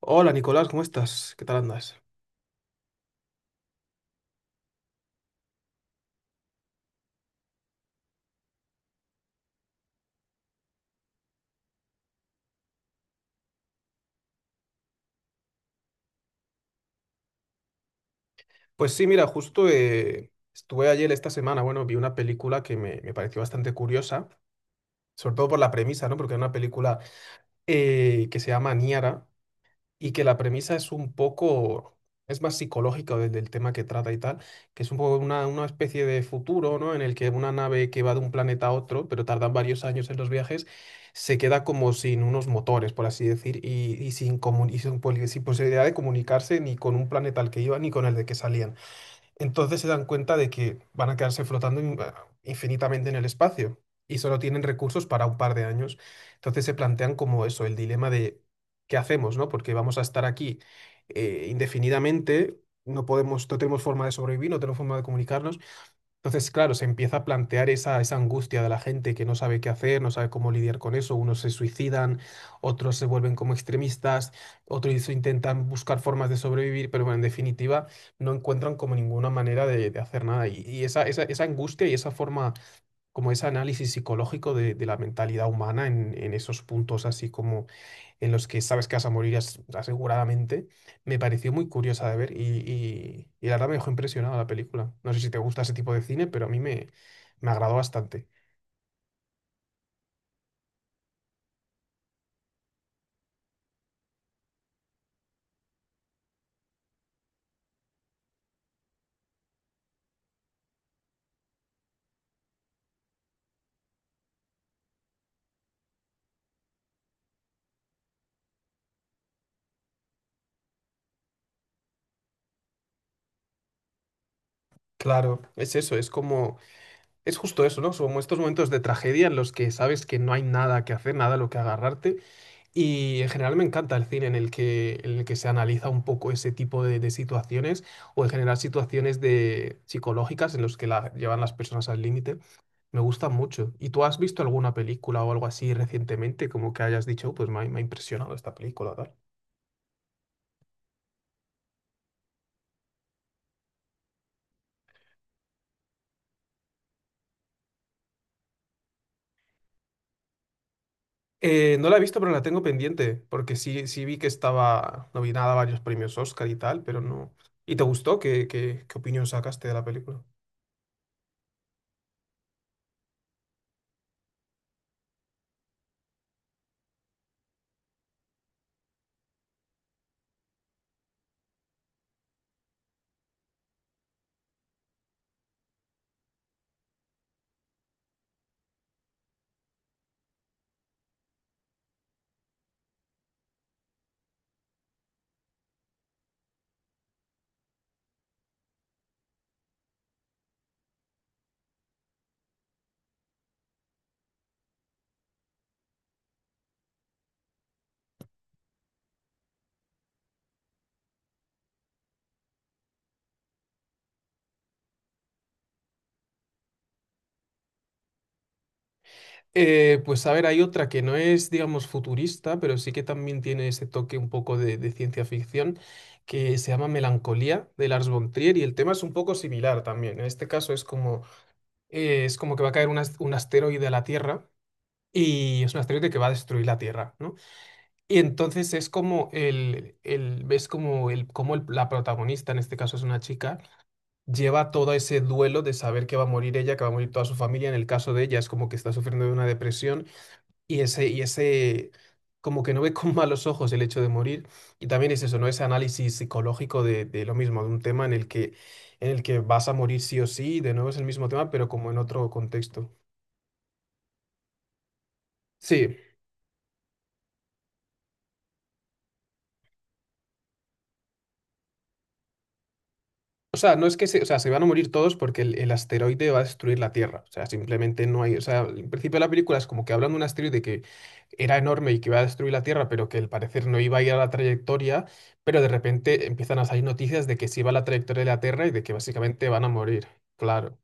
Hola Nicolás, ¿cómo estás? ¿Qué tal andas? Pues sí, mira, justo estuve ayer esta semana, bueno, vi una película que me pareció bastante curiosa, sobre todo por la premisa, ¿no? Porque era una película que se llama Niara, y que la premisa es un poco, es más psicológica del tema que trata y tal, que es un poco una especie de futuro, ¿no? En el que una nave que va de un planeta a otro, pero tardan varios años en los viajes, se queda como sin unos motores, por así decir, y sin, comun- y sin posibilidad de comunicarse ni con un planeta al que iba ni con el de que salían. Entonces se dan cuenta de que van a quedarse flotando infinitamente en el espacio y solo tienen recursos para un par de años. Entonces se plantean como eso, el dilema de qué hacemos, ¿no? Porque vamos a estar aquí indefinidamente, no podemos, no tenemos forma de sobrevivir, no tenemos forma de comunicarnos. Entonces, claro, se empieza a plantear esa angustia de la gente que no sabe qué hacer, no sabe cómo lidiar con eso. Unos se suicidan, otros se vuelven como extremistas, otros intentan buscar formas de sobrevivir, pero bueno, en definitiva, no encuentran como ninguna manera de hacer nada. Y esa angustia y esa forma, como ese análisis psicológico de la mentalidad humana en esos puntos así como en los que sabes que vas a morir aseguradamente, me pareció muy curiosa de ver y la verdad me dejó impresionado la película. No sé si te gusta ese tipo de cine, pero a me agradó bastante. Claro, es eso, es como, es justo eso, ¿no? Son como estos momentos de tragedia en los que sabes que no hay nada que hacer, nada a lo que agarrarte. Y en general me encanta el cine en el en el que se analiza un poco ese tipo de situaciones o en general situaciones de, psicológicas en los que la, llevan las personas al límite. Me gustan mucho. ¿Y tú has visto alguna película o algo así recientemente, como que hayas dicho, "Oh, pues me me ha impresionado esta película, tal"? No la he visto, pero la tengo pendiente, porque sí, sí vi que estaba nominada a varios premios Oscar y tal, pero no. ¿Y te gustó? Qué opinión sacaste de la película? Pues a ver, hay otra que no es, digamos, futurista, pero sí que también tiene ese toque un poco de ciencia ficción, que se llama Melancolía, de Lars von Trier, y el tema es un poco similar también. En este caso es como que va a caer un asteroide a la Tierra y es un asteroide que va a destruir la Tierra, ¿no? Y entonces es como el ves como el, como la protagonista, en este caso es una chica, lleva todo ese duelo de saber que va a morir ella, que va a morir toda su familia. En el caso de ella es como que está sufriendo de una depresión y ese como que no ve con malos ojos el hecho de morir. Y también es eso, ¿no? Ese análisis psicológico de lo mismo, de un tema en el en el que vas a morir sí o sí, de nuevo es el mismo tema, pero como en otro contexto. Sí, o sea, no es que se, o sea, se van a morir todos porque el asteroide va a destruir la Tierra. O sea, simplemente no hay. O sea, el principio de la película es como que hablan de un asteroide que era enorme y que iba a destruir la Tierra, pero que al parecer no iba a ir a la trayectoria. Pero de repente empiezan a salir noticias de que sí va a la trayectoria de la Tierra y de que básicamente van a morir. Claro.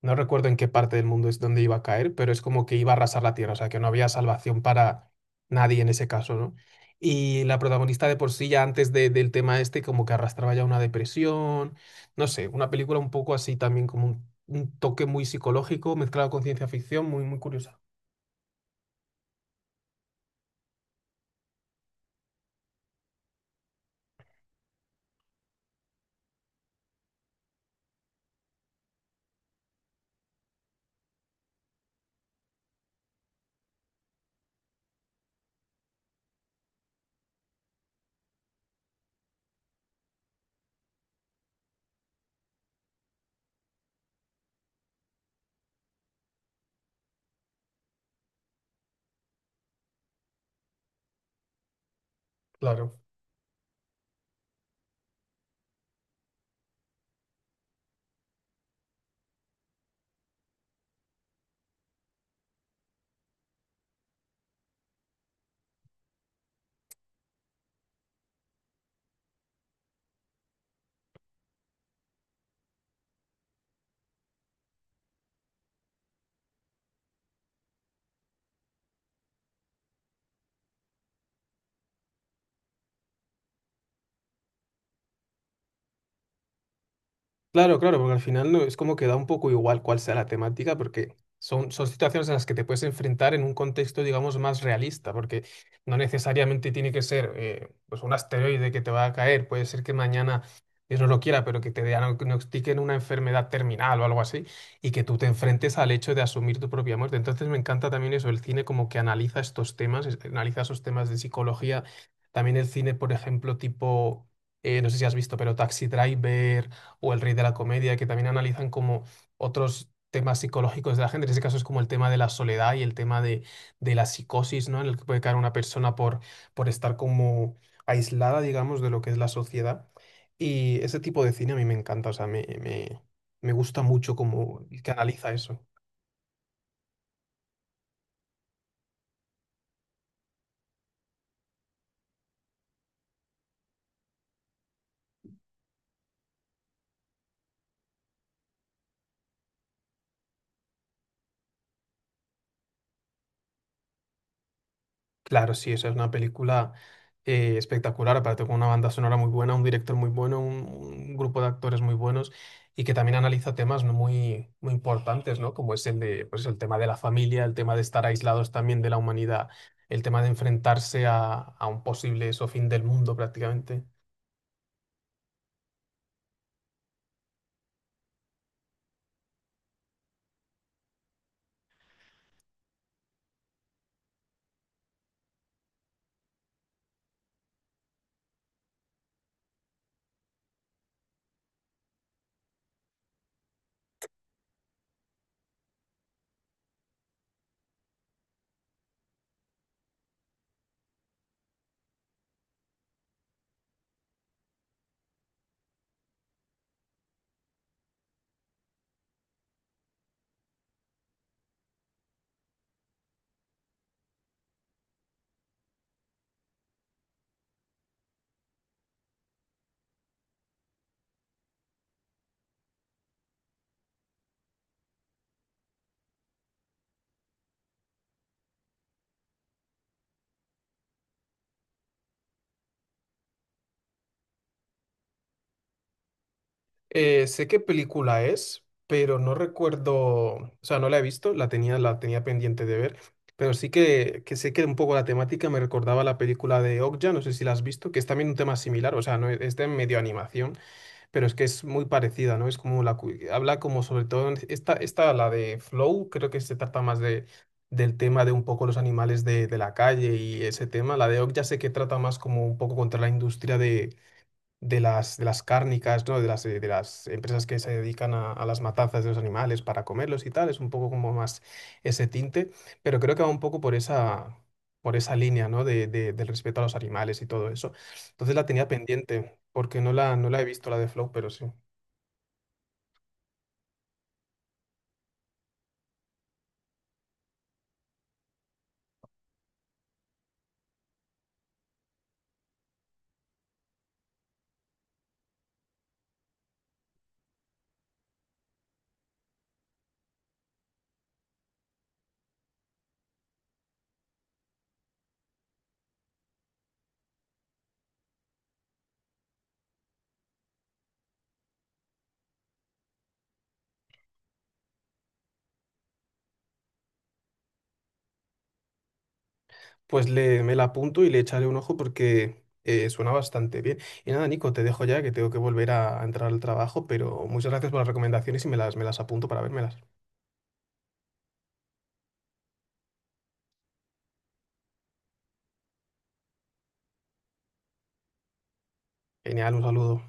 No recuerdo en qué parte del mundo es donde iba a caer, pero es como que iba a arrasar la tierra, o sea, que no había salvación para nadie en ese caso, ¿no? Y la protagonista de por sí ya del tema este como que arrastraba ya una depresión, no sé, una película un poco así también como un toque muy psicológico mezclado con ciencia ficción, muy curiosa. Claro. Claro, porque al final no, es como que da un poco igual cuál sea la temática, porque son situaciones en las que te puedes enfrentar en un contexto, digamos, más realista, porque no necesariamente tiene que ser pues un asteroide que te va a caer, puede ser que mañana Dios no lo quiera, pero que te diagnostiquen una enfermedad terminal o algo así, y que tú te enfrentes al hecho de asumir tu propia muerte. Entonces me encanta también eso, el cine como que analiza estos temas, analiza esos temas de psicología, también el cine, por ejemplo, tipo, no sé si has visto, pero Taxi Driver o El Rey de la Comedia, que también analizan como otros temas psicológicos de la gente. En ese caso es como el tema de la soledad y el tema de la psicosis, ¿no? En el que puede caer una persona por estar como aislada, digamos, de lo que es la sociedad. Y ese tipo de cine a mí me encanta, o sea, me gusta mucho como que analiza eso. Claro, sí, esa es una película espectacular, aparte con una banda sonora muy buena, un director muy bueno, un grupo de actores muy buenos y que también analiza temas ¿no? Muy importantes, ¿no? Como es el de, pues, el tema de la familia, el tema de estar aislados también de la humanidad, el tema de enfrentarse a un posible eso, fin del mundo prácticamente. Sé qué película es, pero no recuerdo, o sea, no la he visto, la tenía pendiente de ver, pero sí que sé que un poco la temática me recordaba a la película de Okja, no sé si la has visto, que es también un tema similar, o sea, no es es de medio animación, pero es que es muy parecida, ¿no? Es como la, habla como sobre todo, esta, la de Flow, creo que se trata más de, del tema de un poco los animales de la calle y ese tema, la de Okja sé que trata más como un poco contra la industria de de las cárnicas, ¿no? De las empresas que se dedican a las matanzas de los animales para comerlos y tal, es un poco como más ese tinte, pero creo que va un poco por esa línea, ¿no? Del respeto a los animales y todo eso. Entonces la tenía pendiente, porque no la he visto la de Flow, pero sí. Pues le, me la apunto y le echaré un ojo porque suena bastante bien. Y nada, Nico, te dejo ya que tengo que volver a entrar al trabajo, pero muchas gracias por las recomendaciones y me me las apunto para vérmelas. Genial, un saludo.